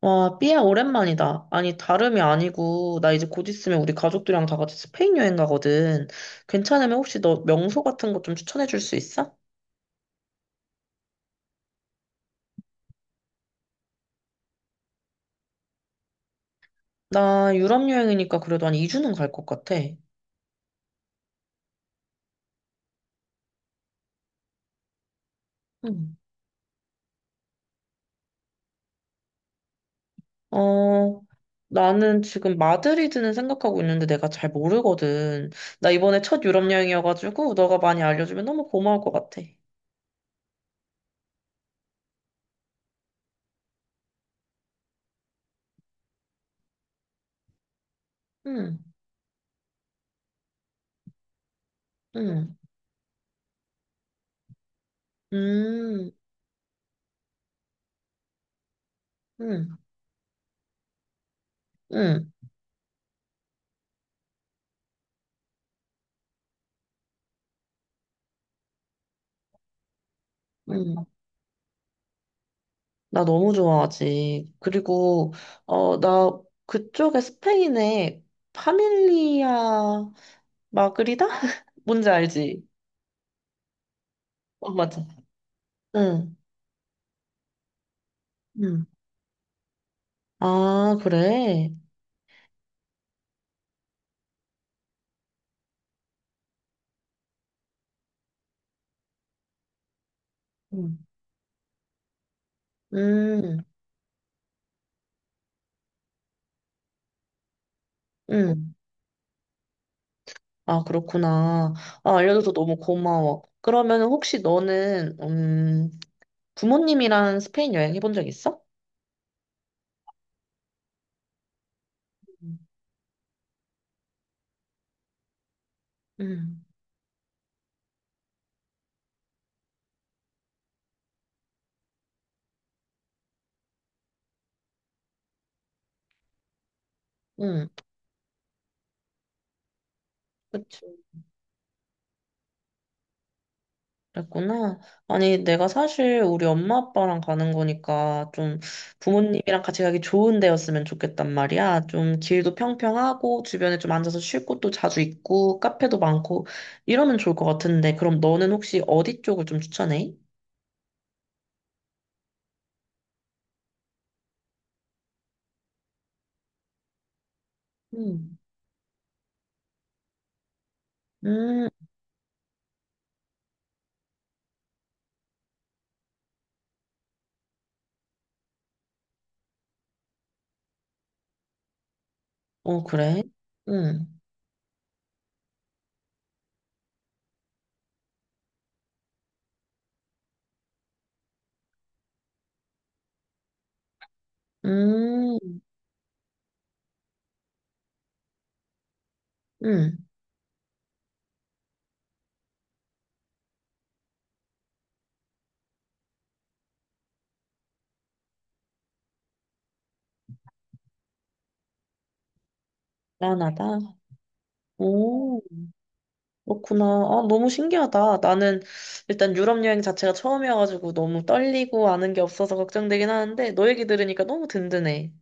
와, 삐야, 오랜만이다. 아니, 다름이 아니고, 나 이제 곧 있으면 우리 가족들이랑 다 같이 스페인 여행 가거든. 괜찮으면 혹시 너 명소 같은 거 좀 추천해 줄 수 있어? 나 유럽 여행이니까 그래도 한 2주는 갈 것 같아. 응. 어, 나는 지금 마드리드는 생각하고 있는데 내가 잘 모르거든. 나 이번에 첫 유럽 여행이어가지고, 너가 많이 알려주면 너무 고마울 것 같아. 응, 응, 음, 음, 음, 음. 나 너무 좋아하지. 그리고, 나 그쪽에 스페인에 파밀리아 마그리다? 뭔지 알지? 어, 맞아. 응, 응. 아, 그래? 응. 음, 음. 아, 그렇구나. 아, 알려줘서 너무 고마워. 그러면 혹시 너는, 부모님이랑 스페인 여행 해본 적 있어? 응, 응. 그랬구나. 아니, 내가 사실 우리 엄마 아빠랑 가는 거니까 좀 부모님이랑 같이 가기 좋은 데였으면 좋겠단 말이야. 좀 길도 평평하고 주변에 좀 앉아서 쉴 곳도 자주 있고 카페도 많고 이러면 좋을 것 같은데 그럼 너는 혹시 어디 쪽을 좀 추천해? 음. 음, 어, 그래? 음, 음, 음, 편하다. 어. 오. 그렇구나. 아, 너무 신기하다. 나는 일단 유럽 여행 자체가 처음이어가지고 너무 떨리고 아는 게 없어서 걱정되긴 하는데 너 얘기 들으니까 너무 든든해.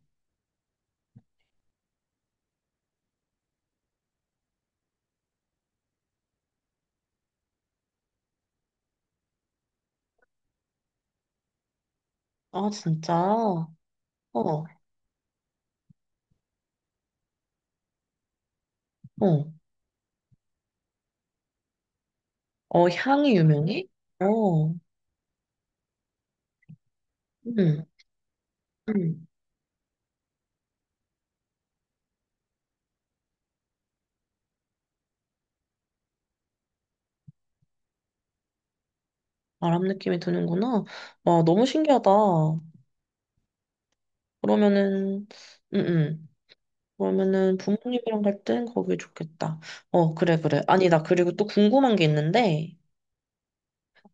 아, 진짜? 어, 어. 어, 향이 유명해? 어, 음, 음. 아랍 느낌이 드는구나. 와, 너무 신기하다. 그러면은, 음, 음. 그러면은 부모님이랑 갈 땐 거기 좋겠다. 어, 그래, 그래. 아니, 나 그리고 또 궁금한 게 있는데,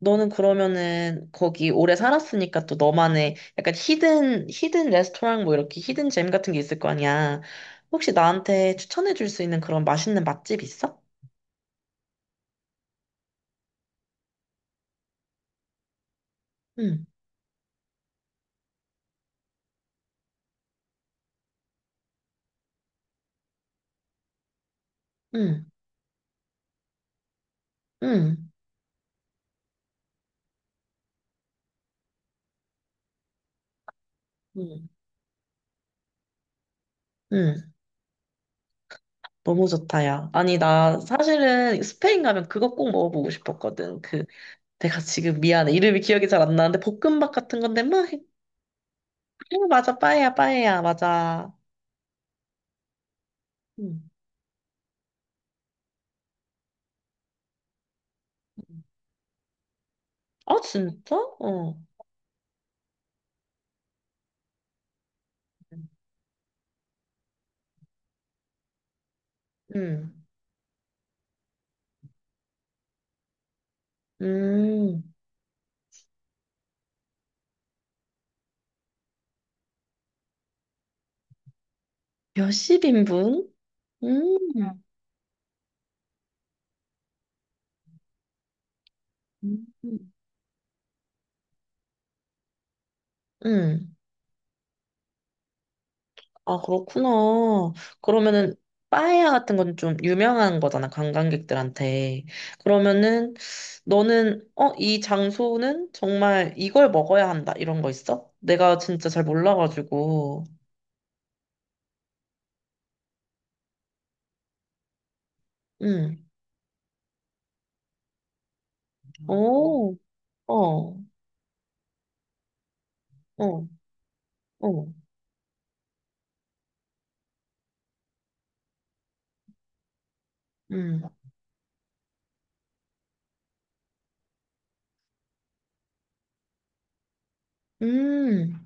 너는 그러면은 거기 오래 살았으니까 또 너만의 약간 히든 레스토랑 뭐 이렇게 히든 잼 같은 게 있을 거 아니야. 혹시 나한테 추천해 줄 수 있는 그런 맛있는 맛집 있어? 응, 응, 응, 응, 응. 너무 좋다, 야. 아니, 나 사실은 스페인 가면 그거 꼭 먹어보고 싶었거든. 그, 내가 지금 미안해. 이름이 기억이 잘 안 나는데, 볶음밥 같은 건데, 막, 어, 맞아, 빠에야, 빠에야, 맞아. 응. 아, 진짜? 어. 응. 음. 몇십 인분? 음, 응. 음. 음. 아, 그렇구나. 그러면은, 빠에야 같은 건 좀 유명한 거잖아, 관광객들한테. 그러면은, 너는, 어, 이 장소는 정말 이걸 먹어야 한다, 이런 거 있어? 내가 진짜 잘 몰라가지고. 음. 어, 오, 어, 어, 어. 음, 음,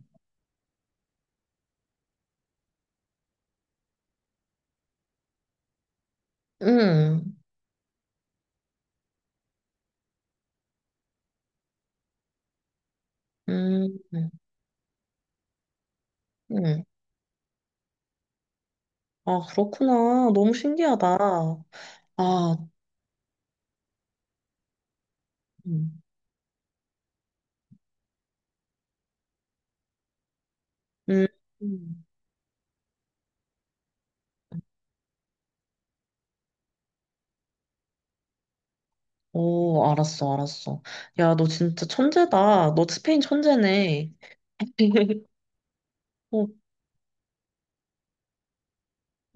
음, 음, 음. 음. 아, 그렇구나. 너무 신기하다. 아, 음. 음, 오, 알았어, 알았어. 야, 너 진짜 천재다. 너 스페인 천재네. 어,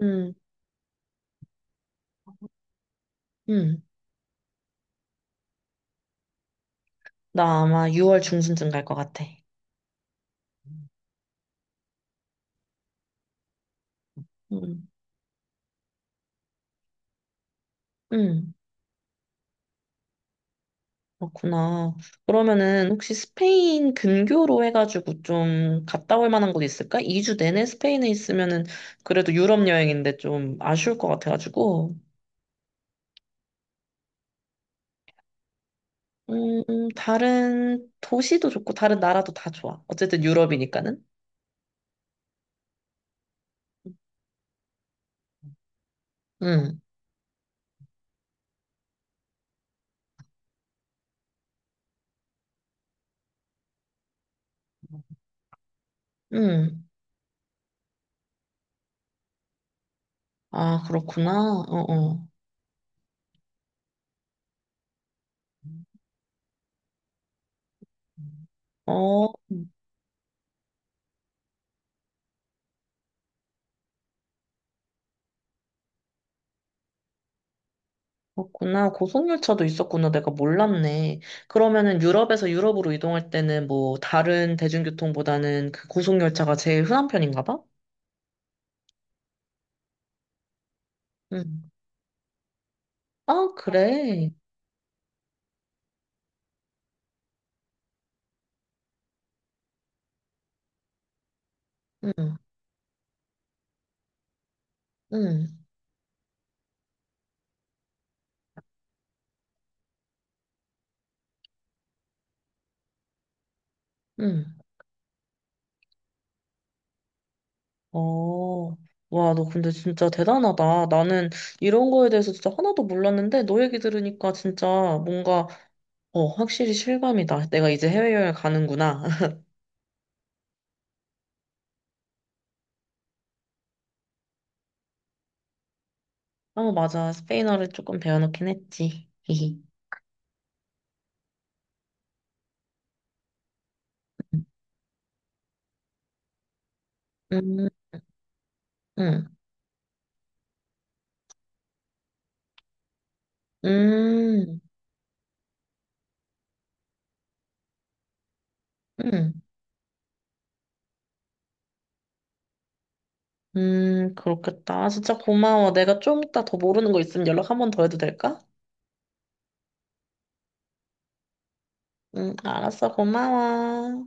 음, 음. 나 아마 6월 중순쯤 갈 것 같아. 음, 음, 그렇구나. 그러면은 혹시 스페인 근교로 해가지고 좀 갔다 올 만한 곳 있을까? 2주 내내 스페인에 있으면은 그래도 유럽 여행인데 좀 아쉬울 것 같아가지고. 다른 도시도 좋고 다른 나라도 다 좋아. 어쨌든 유럽이니까는. 응응 아, 그렇구나. 어어. 어, 어, 그렇구나. 고속열차도 있었구나. 내가 몰랐네. 그러면은 유럽에서 유럽으로 이동할 때는 뭐 다른 대중교통보다는 그 고속열차가 제일 흔한 편인가 봐? 응. 아, 그래. 응, 응, 응. 어. 와, 너 근데 진짜 대단하다. 나는 이런 거에 대해서 진짜 하나도 몰랐는데 너 얘기 들으니까 진짜 뭔가, 확실히 실감이다. 내가 이제 해외여행 가는구나. 어, 맞아. 스페인어를 조금 배워놓긴 했지. 히히. 음, 음, 음, 음, 그렇겠다. 아, 진짜 고마워. 내가 좀 이따 더 모르는 거 있으면 연락 한 번 더 해도 될까? 응, 알았어. 고마워.